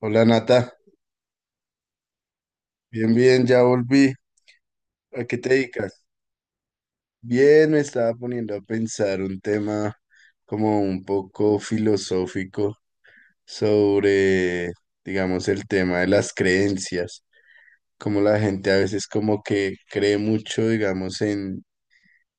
Hola Nata, bien, bien, ya volví. ¿A qué te dedicas? Bien, me estaba poniendo a pensar un tema como un poco filosófico sobre, digamos, el tema de las creencias, como la gente a veces como que cree mucho, digamos, en,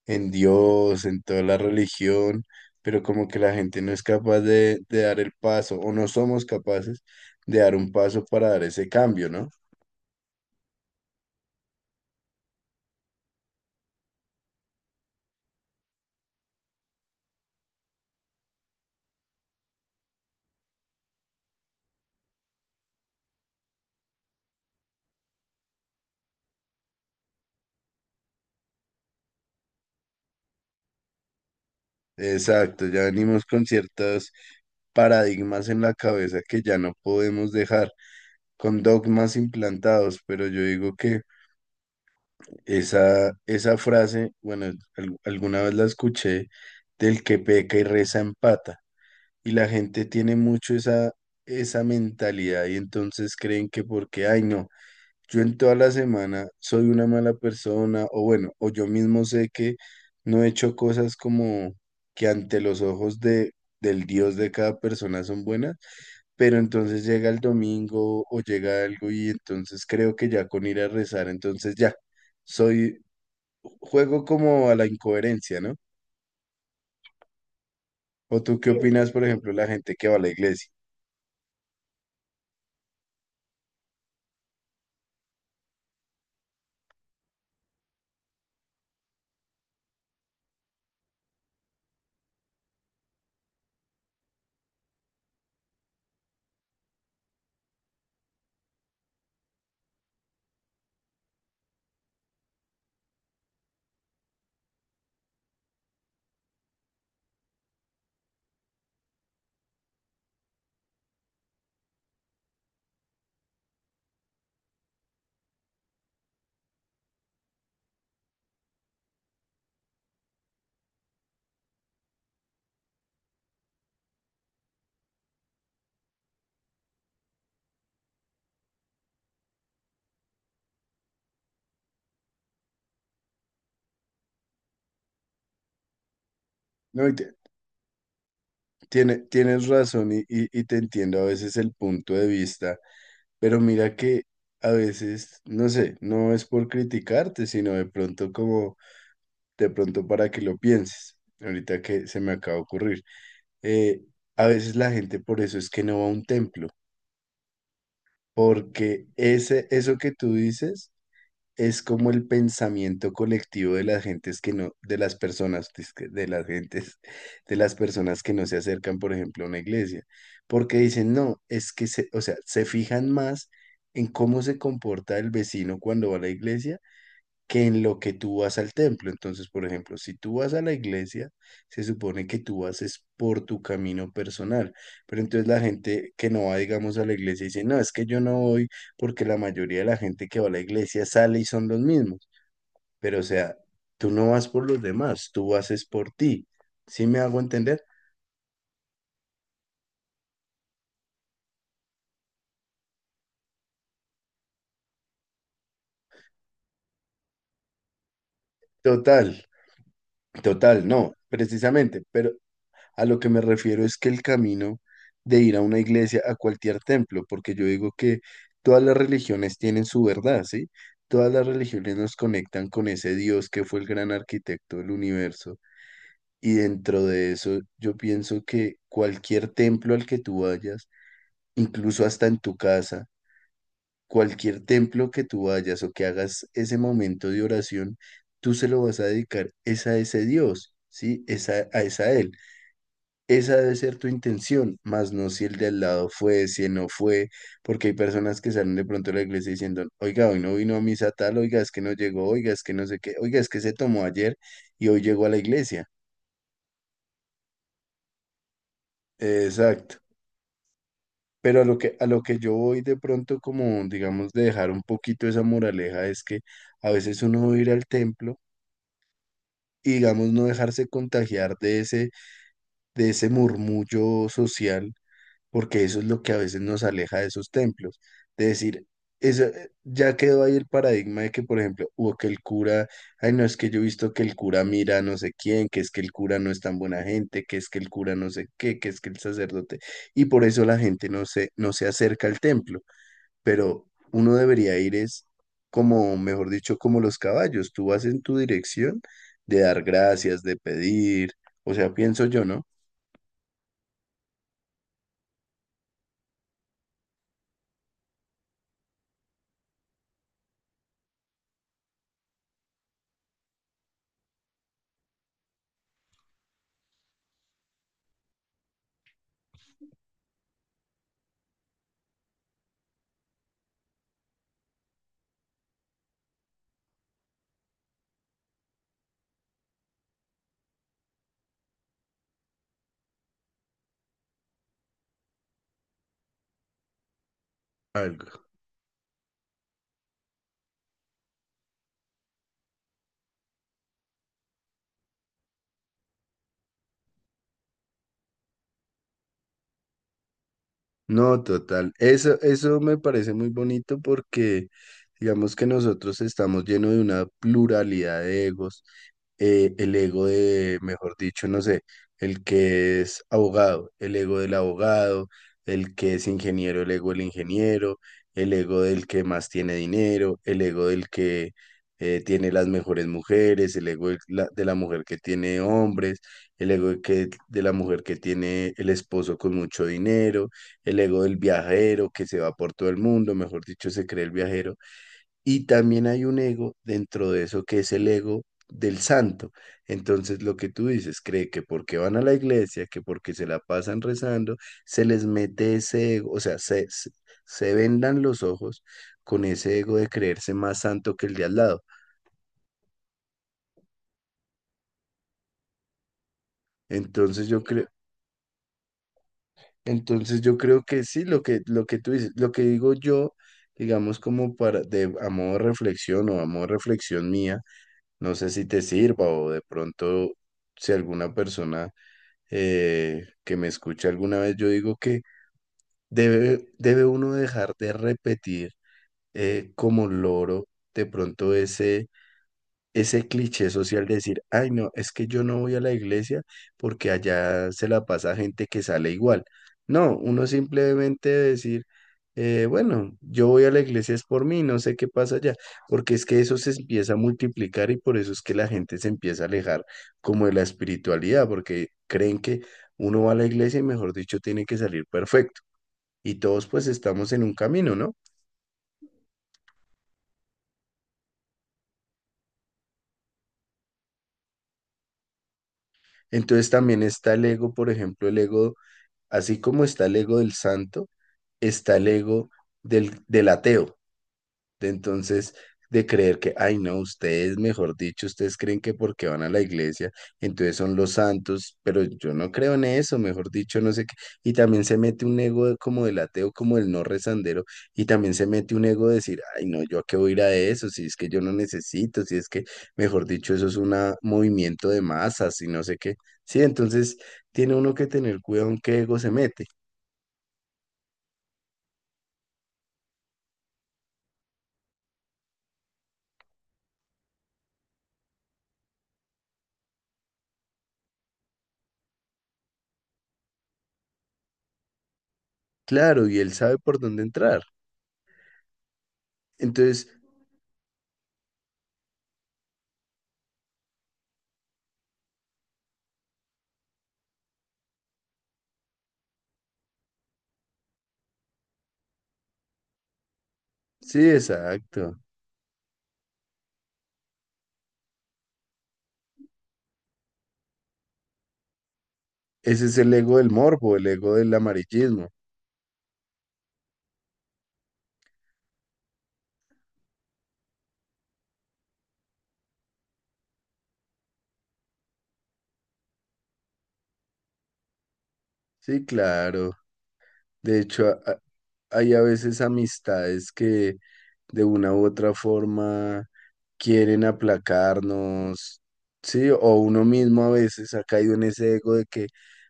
en Dios, en toda la religión, pero como que la gente no es capaz de dar el paso o no somos capaces de dar un paso para dar ese cambio, ¿no? Exacto, ya venimos con ciertos paradigmas en la cabeza que ya no podemos dejar, con dogmas implantados, pero yo digo que esa, frase, bueno, alguna vez la escuché, del que peca y reza empata, y la gente tiene mucho esa mentalidad y entonces creen que porque, ay no. Yo en toda la semana soy una mala persona, o bueno, o yo mismo sé que no he hecho cosas como que ante los ojos del Dios de cada persona son buenas, pero entonces llega el domingo o llega algo y entonces creo que ya con ir a rezar, entonces ya, soy, juego como a la incoherencia, ¿no? ¿O tú qué, sí, opinas, por ejemplo, la gente que va a la iglesia? No, y tienes razón y, y te entiendo a veces el punto de vista. Pero mira que a veces, no sé, no es por criticarte, sino de pronto como, de pronto para que lo pienses. Ahorita que se me acaba de ocurrir. Eh, a veces la gente por eso es que no va a un templo, porque eso que tú dices es como el pensamiento colectivo de las gentes que no, de las personas, disque, de las gentes, de las personas que no se acercan, por ejemplo, a una iglesia, porque dicen, no, es que se, o sea, se fijan más en cómo se comporta el vecino cuando va a la iglesia que en lo que tú vas al templo. Entonces, por ejemplo, si tú vas a la iglesia, se supone que tú vas es por tu camino personal. Pero entonces la gente que no va, digamos, a la iglesia dice, no, es que yo no voy porque la mayoría de la gente que va a la iglesia sale y son los mismos. Pero o sea, tú no vas por los demás, tú vas es por ti. ¿Sí me hago entender? Total, total, no, precisamente, pero a lo que me refiero es que el camino de ir a una iglesia, a cualquier templo, porque yo digo que todas las religiones tienen su verdad, ¿sí? Todas las religiones nos conectan con ese Dios que fue el gran arquitecto del universo. Y dentro de eso, yo pienso que cualquier templo al que tú vayas, incluso hasta en tu casa, cualquier templo que tú vayas o que hagas ese momento de oración, tú se lo vas a dedicar es a ese Dios, ¿sí? Es a Él. Esa debe ser tu intención, más no si el de al lado fue, si no fue, porque hay personas que salen de pronto de la iglesia diciendo, oiga, hoy no vino a misa tal, oiga, es que no llegó, oiga, es que no sé qué, oiga, es que se tomó ayer y hoy llegó a la iglesia. Exacto. Pero a lo que yo voy de pronto como, digamos, de dejar un poquito esa moraleja es que a veces uno va a ir al templo y, digamos, no dejarse contagiar de ese, murmullo social porque eso es lo que a veces nos aleja de esos templos. De decir, eso, ya quedó ahí el paradigma de que, por ejemplo, o que el cura, ay, no, es que yo he visto que el cura mira a no sé quién, que es que el cura no es tan buena gente, que es que el cura no sé qué, que es que el sacerdote, y por eso la gente no se acerca al templo, pero uno debería ir es como, mejor dicho, como los caballos, tú vas en tu dirección de dar gracias, de pedir, o sea, pienso yo, ¿no? algo No, total. Eso me parece muy bonito porque digamos que nosotros estamos llenos de una pluralidad de egos, el ego de, mejor dicho, no sé, el que es abogado, el ego del abogado, el que es ingeniero, el ego del ingeniero, el ego del que más tiene dinero, el ego del que tiene las mejores mujeres, el ego de la mujer que tiene hombres, el ego de la mujer que tiene el esposo con mucho dinero, el ego del viajero que se va por todo el mundo, mejor dicho, se cree el viajero y también hay un ego dentro de eso que es el ego del santo. Entonces lo que tú dices, cree que porque van a la iglesia, que porque se la pasan rezando, se les mete ese ego, o sea, se vendan los ojos con ese ego de creerse más santo que el de al lado. Entonces yo creo, entonces yo creo que sí, lo que tú dices, lo que digo yo, digamos como para, de, a modo de reflexión o a modo de reflexión mía, no sé si te sirva o de pronto si alguna persona que me escuché alguna vez, yo digo que debe uno dejar de repetir como loro de pronto ese cliché social de decir, ay, no, es que yo no voy a la iglesia porque allá se la pasa gente que sale igual. No, uno simplemente decir, bueno, yo voy a la iglesia es por mí, no sé qué pasa allá, porque es que eso se empieza a multiplicar y por eso es que la gente se empieza a alejar como de la espiritualidad, porque creen que uno va a la iglesia y mejor dicho tiene que salir perfecto. Y todos pues estamos en un camino, ¿no? Entonces también está el ego, por ejemplo, el ego, así como está el ego del santo. Está el ego del ateo, de entonces de creer que, ay no, ustedes, mejor dicho, ustedes creen que porque van a la iglesia, entonces son los santos, pero yo no creo en eso, mejor dicho, no sé qué. Y también se mete un ego como del ateo, como el no rezandero, y también se mete un ego de decir, ay no, yo a qué voy a ir a eso, si es que yo no necesito, si es que, mejor dicho, eso es un movimiento de masas y no sé qué. Sí, entonces tiene uno que tener cuidado en qué ego se mete. Claro, y él sabe por dónde entrar. Entonces, sí, exacto. Ese es el ego del morbo, el ego del amarillismo. Sí, claro. De hecho, hay a veces amistades que de una u otra forma quieren aplacarnos, sí, o uno mismo a veces ha caído en ese ego de que,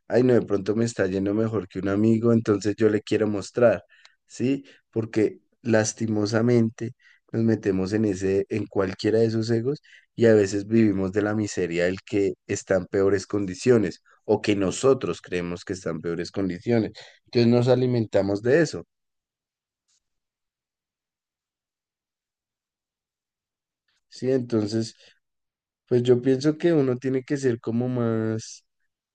ay, no, de pronto me está yendo mejor que un amigo, entonces yo le quiero mostrar, sí, porque lastimosamente nos metemos en cualquiera de esos egos y a veces vivimos de la miseria del que está en peores condiciones o que nosotros creemos que está en peores condiciones. Entonces nos alimentamos de eso, sí, entonces, pues yo pienso que uno tiene que ser como más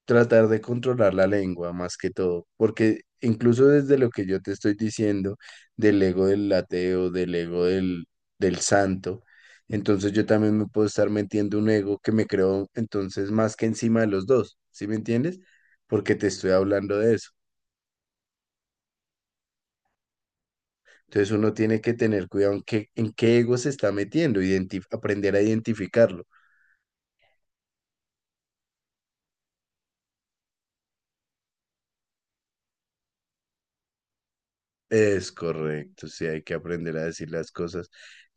tratar de controlar la lengua más que todo, porque incluso desde lo que yo te estoy diciendo, del ego del ateo, del ego del santo, entonces yo también me puedo estar metiendo un ego que me creo entonces más que encima de los dos, ¿sí me entiendes? Porque te estoy hablando de eso. Entonces uno tiene que tener cuidado en qué ego se está metiendo, aprender a identificarlo. Es correcto, sí, hay que aprender a decir las cosas.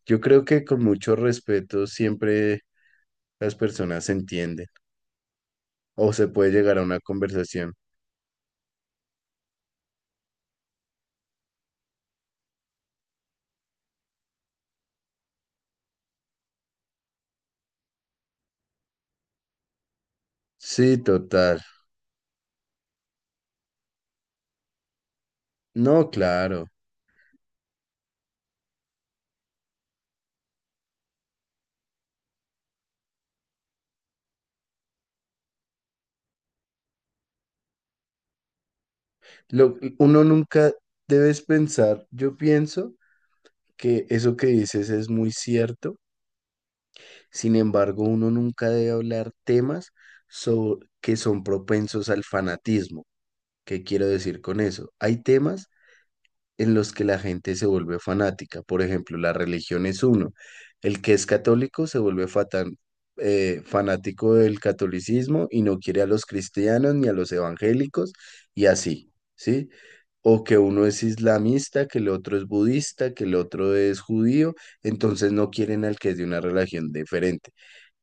Yo creo que con mucho respeto siempre las personas se entienden o se puede llegar a una conversación. Sí, total. No, claro. Uno nunca debes pensar, yo pienso que eso que dices es muy cierto, sin embargo, uno nunca debe hablar temas que son propensos al fanatismo. ¿Qué quiero decir con eso? Hay temas en los que la gente se vuelve fanática. Por ejemplo, la religión es uno. El que es católico se vuelve fanático del catolicismo y no quiere a los cristianos ni a los evangélicos y así, ¿sí? O que uno es islamista, que el otro es budista, que el otro es judío, entonces no quieren al que es de una religión diferente.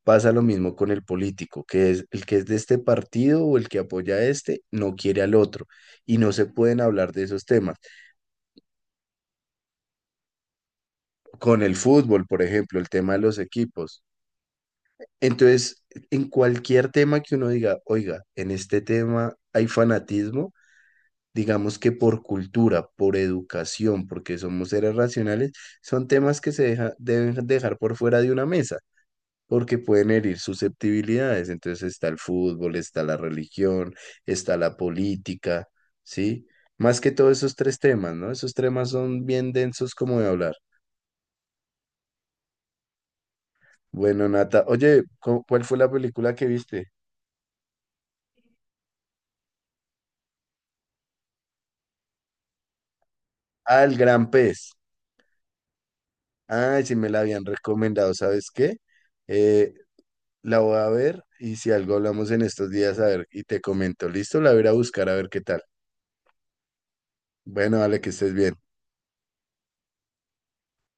Pasa lo mismo con el político, que es el que es de este partido o el que apoya a este, no quiere al otro y no se pueden hablar de esos temas. Con el fútbol, por ejemplo, el tema de los equipos. Entonces, en cualquier tema que uno diga, oiga, en este tema hay fanatismo, digamos que por cultura, por educación, porque somos seres racionales, son temas que se deben dejar por fuera de una mesa, porque pueden herir susceptibilidades. Entonces está el fútbol, está la religión, está la política, ¿sí? Más que todo esos tres temas, ¿no? Esos temas son bien densos como de hablar. Bueno, Nata, oye, ¿cuál fue la película que viste? Ah, El Gran Pez. Ay, si me la habían recomendado, ¿sabes qué? Eh, la voy a ver y si algo hablamos en estos días, a ver, y te comento, ¿listo? La voy a ir a buscar a ver qué tal. Bueno, dale, que estés bien.